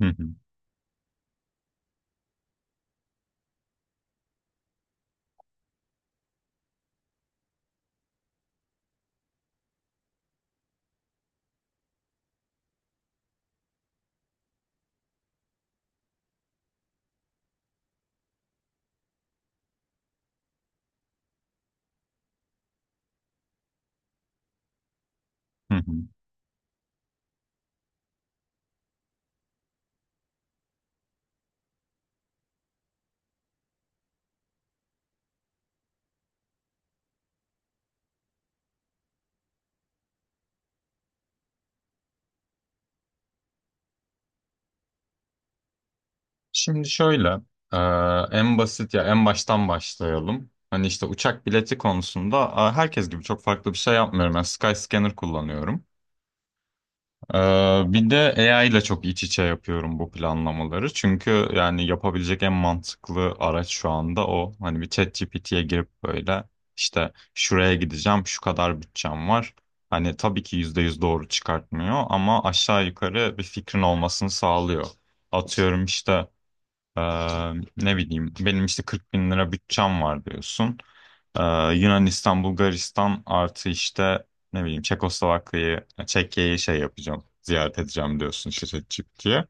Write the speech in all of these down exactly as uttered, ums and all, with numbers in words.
Hı hı, hı hı. Şimdi şöyle, e, en basit ya en baştan başlayalım. Hani işte uçak bileti konusunda e, herkes gibi çok farklı bir şey yapmıyorum. Ben Skyscanner kullanıyorum. E, bir de A I ile çok iç içe yapıyorum bu planlamaları. Çünkü yani yapabilecek en mantıklı araç şu anda o. Hani bir ChatGPT'ye girip böyle işte şuraya gideceğim, şu kadar bütçem var. Hani tabii ki yüzde yüz doğru çıkartmıyor ama aşağı yukarı bir fikrin olmasını sağlıyor. Atıyorum işte. Ee, ne bileyim benim işte kırk bin lira bin lira bütçem var diyorsun. Ee, Yunanistan, Bulgaristan artı işte ne bileyim Çekoslovakya'yı, Çekya'yı şey yapacağım, ziyaret edeceğim diyorsun işte diye.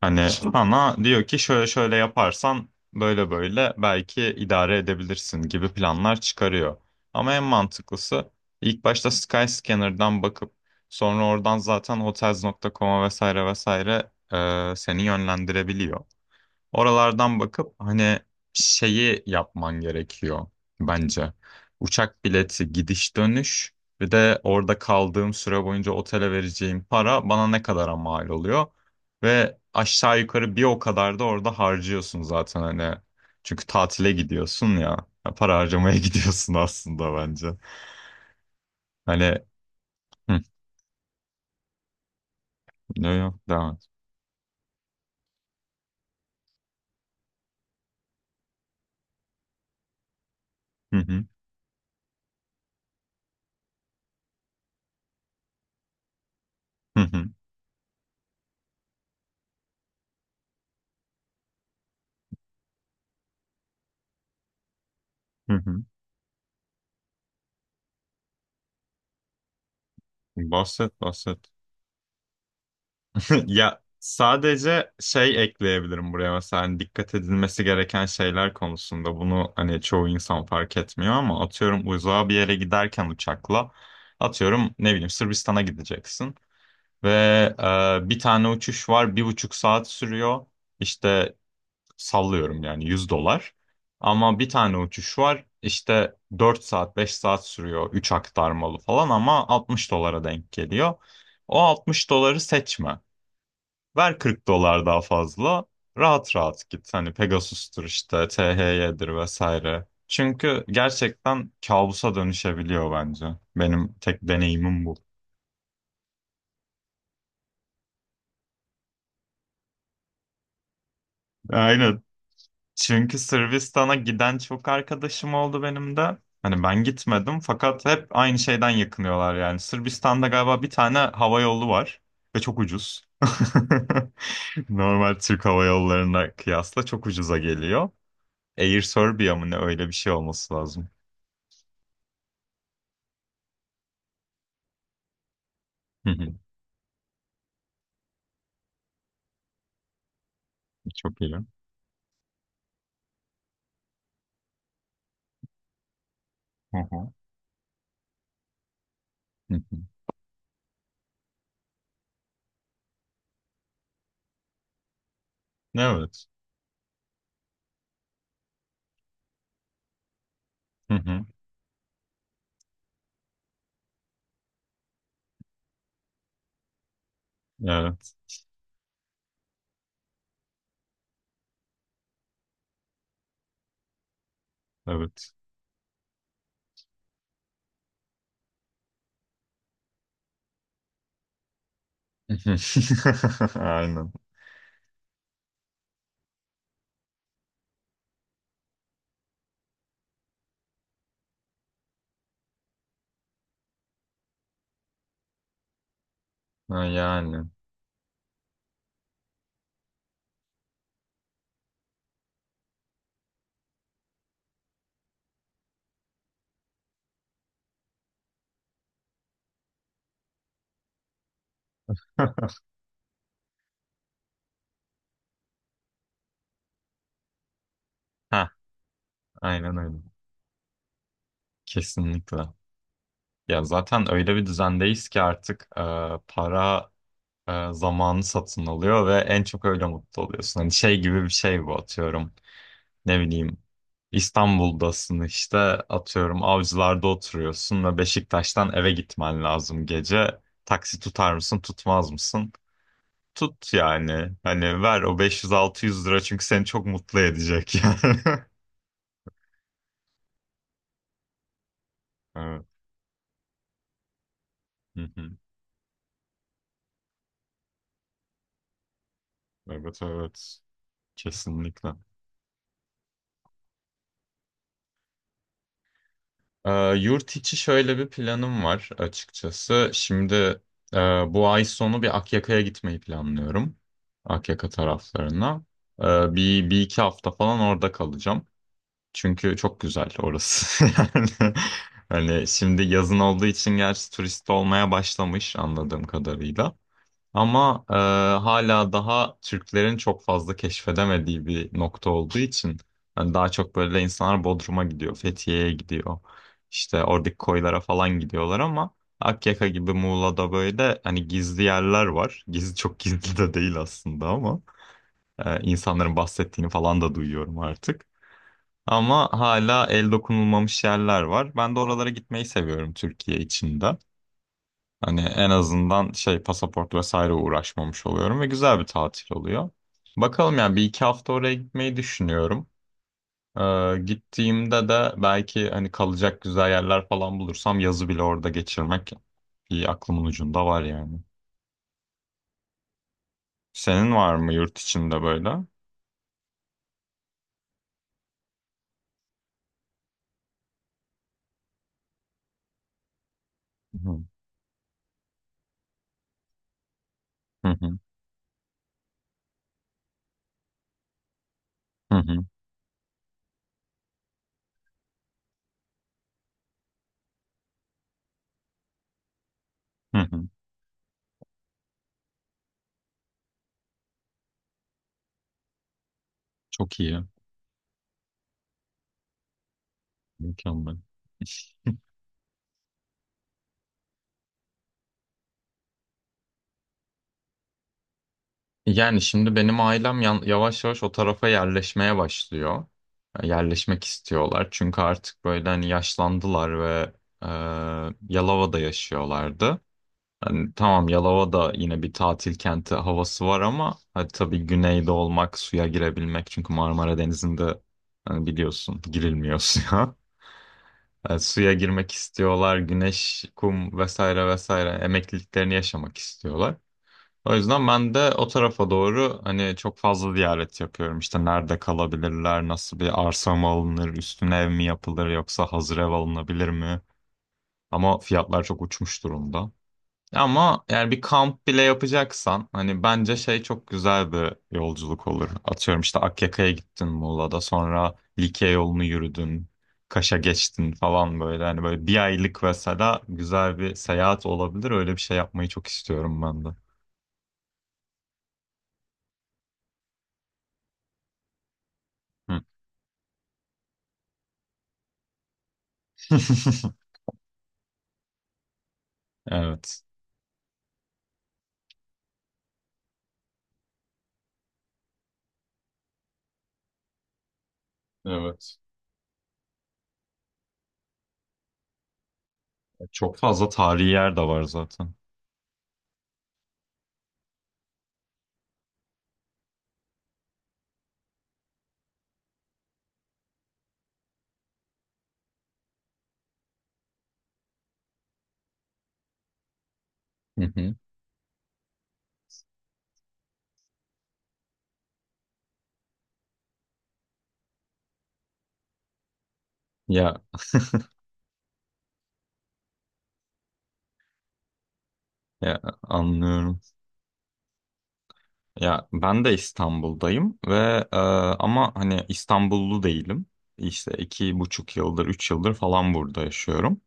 Hani sana diyor ki şöyle şöyle yaparsan böyle böyle belki idare edebilirsin gibi planlar çıkarıyor. Ama en mantıklısı ilk başta Skyscanner'dan bakıp sonra oradan zaten hotels nokta com'a vesaire vesaire e, seni yönlendirebiliyor. Oralardan bakıp hani şeyi yapman gerekiyor bence. Uçak bileti gidiş dönüş bir de orada kaldığım süre boyunca otele vereceğim para bana ne kadara mal oluyor. Ve aşağı yukarı bir o kadar da orada harcıyorsun zaten hani. Çünkü tatile gidiyorsun ya. Ya para harcamaya gidiyorsun aslında bence. Hani hı, ne yok devam et. Hı hı, hı hı, hı hı. Bahset bahset. Ya sadece şey ekleyebilirim buraya mesela hani dikkat edilmesi gereken şeyler konusunda bunu hani çoğu insan fark etmiyor ama atıyorum uzağa bir yere giderken uçakla atıyorum ne bileyim Sırbistan'a gideceksin ve e, bir tane uçuş var bir buçuk saat sürüyor işte sallıyorum yani yüz dolar ama bir tane uçuş var işte dört saat beş saat sürüyor üç aktarmalı falan ama altmış dolara denk geliyor. O altmış doları seçme. Ver 40 dolar daha fazla. Rahat rahat git. Hani Pegasus'tur işte, T H Y'dir vesaire. Çünkü gerçekten kabusa dönüşebiliyor bence. Benim tek deneyimim bu. Aynen. Çünkü Sırbistan'a giden çok arkadaşım oldu benim de. Hani ben gitmedim fakat hep aynı şeyden yakınıyorlar yani. Sırbistan'da galiba bir tane hava yolu var ve çok ucuz. Normal Türk hava yollarına kıyasla çok ucuza geliyor. Air Serbia mı ne öyle bir şey olması lazım. Hı hı. Çok iyi. Hı hı. Hı hı. Evet. Hı hı. Evet. Evet. Aynen. Ha, yani. Ha, aynen öyle. Kesinlikle. Ya zaten öyle bir düzendeyiz ki artık e, para e, zamanı satın alıyor ve en çok öyle mutlu oluyorsun. Hani şey gibi bir şey bu atıyorum. Ne bileyim İstanbul'dasın işte atıyorum Avcılar'da oturuyorsun ve Beşiktaş'tan eve gitmen lazım gece. Taksi tutar mısın tutmaz mısın? Tut yani. Hani ver o beş yüz altı yüz lira çünkü seni çok mutlu edecek yani. Evet. Hı hı. Evet evet. Kesinlikle. Ee, yurt içi şöyle bir planım var açıkçası. Şimdi e, bu ay sonu bir Akyaka'ya gitmeyi planlıyorum. Akyaka taraflarına. Ee, bir, bir iki hafta falan orada kalacağım. Çünkü çok güzel orası. Yani hani şimdi yazın olduğu için gerçi turist olmaya başlamış anladığım kadarıyla. Ama e, hala daha Türklerin çok fazla keşfedemediği bir nokta olduğu için yani daha çok böyle insanlar Bodrum'a gidiyor, Fethiye'ye gidiyor. İşte oradaki koylara falan gidiyorlar ama Akyaka gibi Muğla'da böyle hani gizli yerler var. Gizli çok gizli de değil aslında ama e, insanların bahsettiğini falan da duyuyorum artık. Ama hala el dokunulmamış yerler var. Ben de oralara gitmeyi seviyorum Türkiye içinde. Hani en azından şey pasaport vesaire uğraşmamış oluyorum ve güzel bir tatil oluyor. Bakalım yani bir iki hafta oraya gitmeyi düşünüyorum. Ee, gittiğimde de belki hani kalacak güzel yerler falan bulursam yazı bile orada geçirmek bir aklımın ucunda var yani. Senin var mı yurt içinde böyle? Hı hı, hı hı, hı hı. Hı hı. Çok iyi. Mükemmel. Yani şimdi benim ailem yan- yavaş yavaş o tarafa yerleşmeye başlıyor. E, Yerleşmek istiyorlar. Çünkü artık böyle hani yaşlandılar ve e, Yalova'da yaşıyorlardı. Hani tamam Yalova'da yine bir tatil kenti havası var ama hadi tabii güneyde olmak, suya girebilmek. Çünkü Marmara Denizi'nde hani biliyorsun girilmiyor suya. E, suya girmek istiyorlar, güneş, kum vesaire vesaire emekliliklerini yaşamak istiyorlar. O yüzden ben de o tarafa doğru hani çok fazla ziyaret yapıyorum. İşte nerede kalabilirler, nasıl bir arsa mı alınır, üstüne ev mi yapılır yoksa hazır ev alınabilir mi? Ama fiyatlar çok uçmuş durumda. Ama yani bir kamp bile yapacaksan hani bence şey çok güzel bir yolculuk olur. Atıyorum işte Akyaka'ya gittin Muğla'da sonra Likya yolunu yürüdün, Kaş'a geçtin falan böyle. Hani böyle bir aylık mesela güzel bir seyahat olabilir. Öyle bir şey yapmayı çok istiyorum ben de. Hı. Evet. Evet. Çok fazla tarihi yer de var zaten. Hı hı. Ya, ya anlıyorum. Ya ben de İstanbul'dayım ve e, ama hani İstanbullu değilim. İşte iki buçuk yıldır, üç yıldır falan burada yaşıyorum.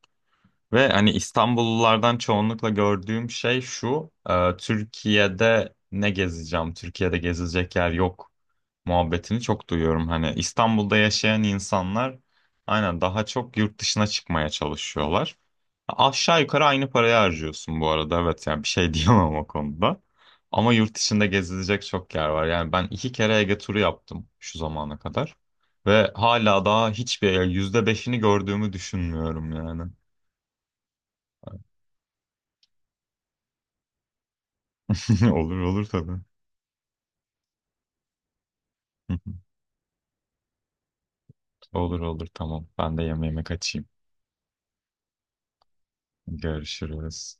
Ve hani İstanbullulardan çoğunlukla gördüğüm şey şu. e, Türkiye'de ne gezeceğim? Türkiye'de gezilecek yer yok muhabbetini çok duyuyorum. Hani İstanbul'da yaşayan insanlar aynen daha çok yurt dışına çıkmaya çalışıyorlar. Aşağı yukarı aynı parayı harcıyorsun bu arada. Evet yani bir şey diyemem o konuda. Ama yurt dışında gezilecek çok yer var. Yani ben iki kere Ege turu yaptım şu zamana kadar. Ve hala daha hiçbir yani yüzde beşini gördüğümü düşünmüyorum yani. Olur olur tabii. Olur olur tamam. Ben de yemeğime kaçayım. Görüşürüz.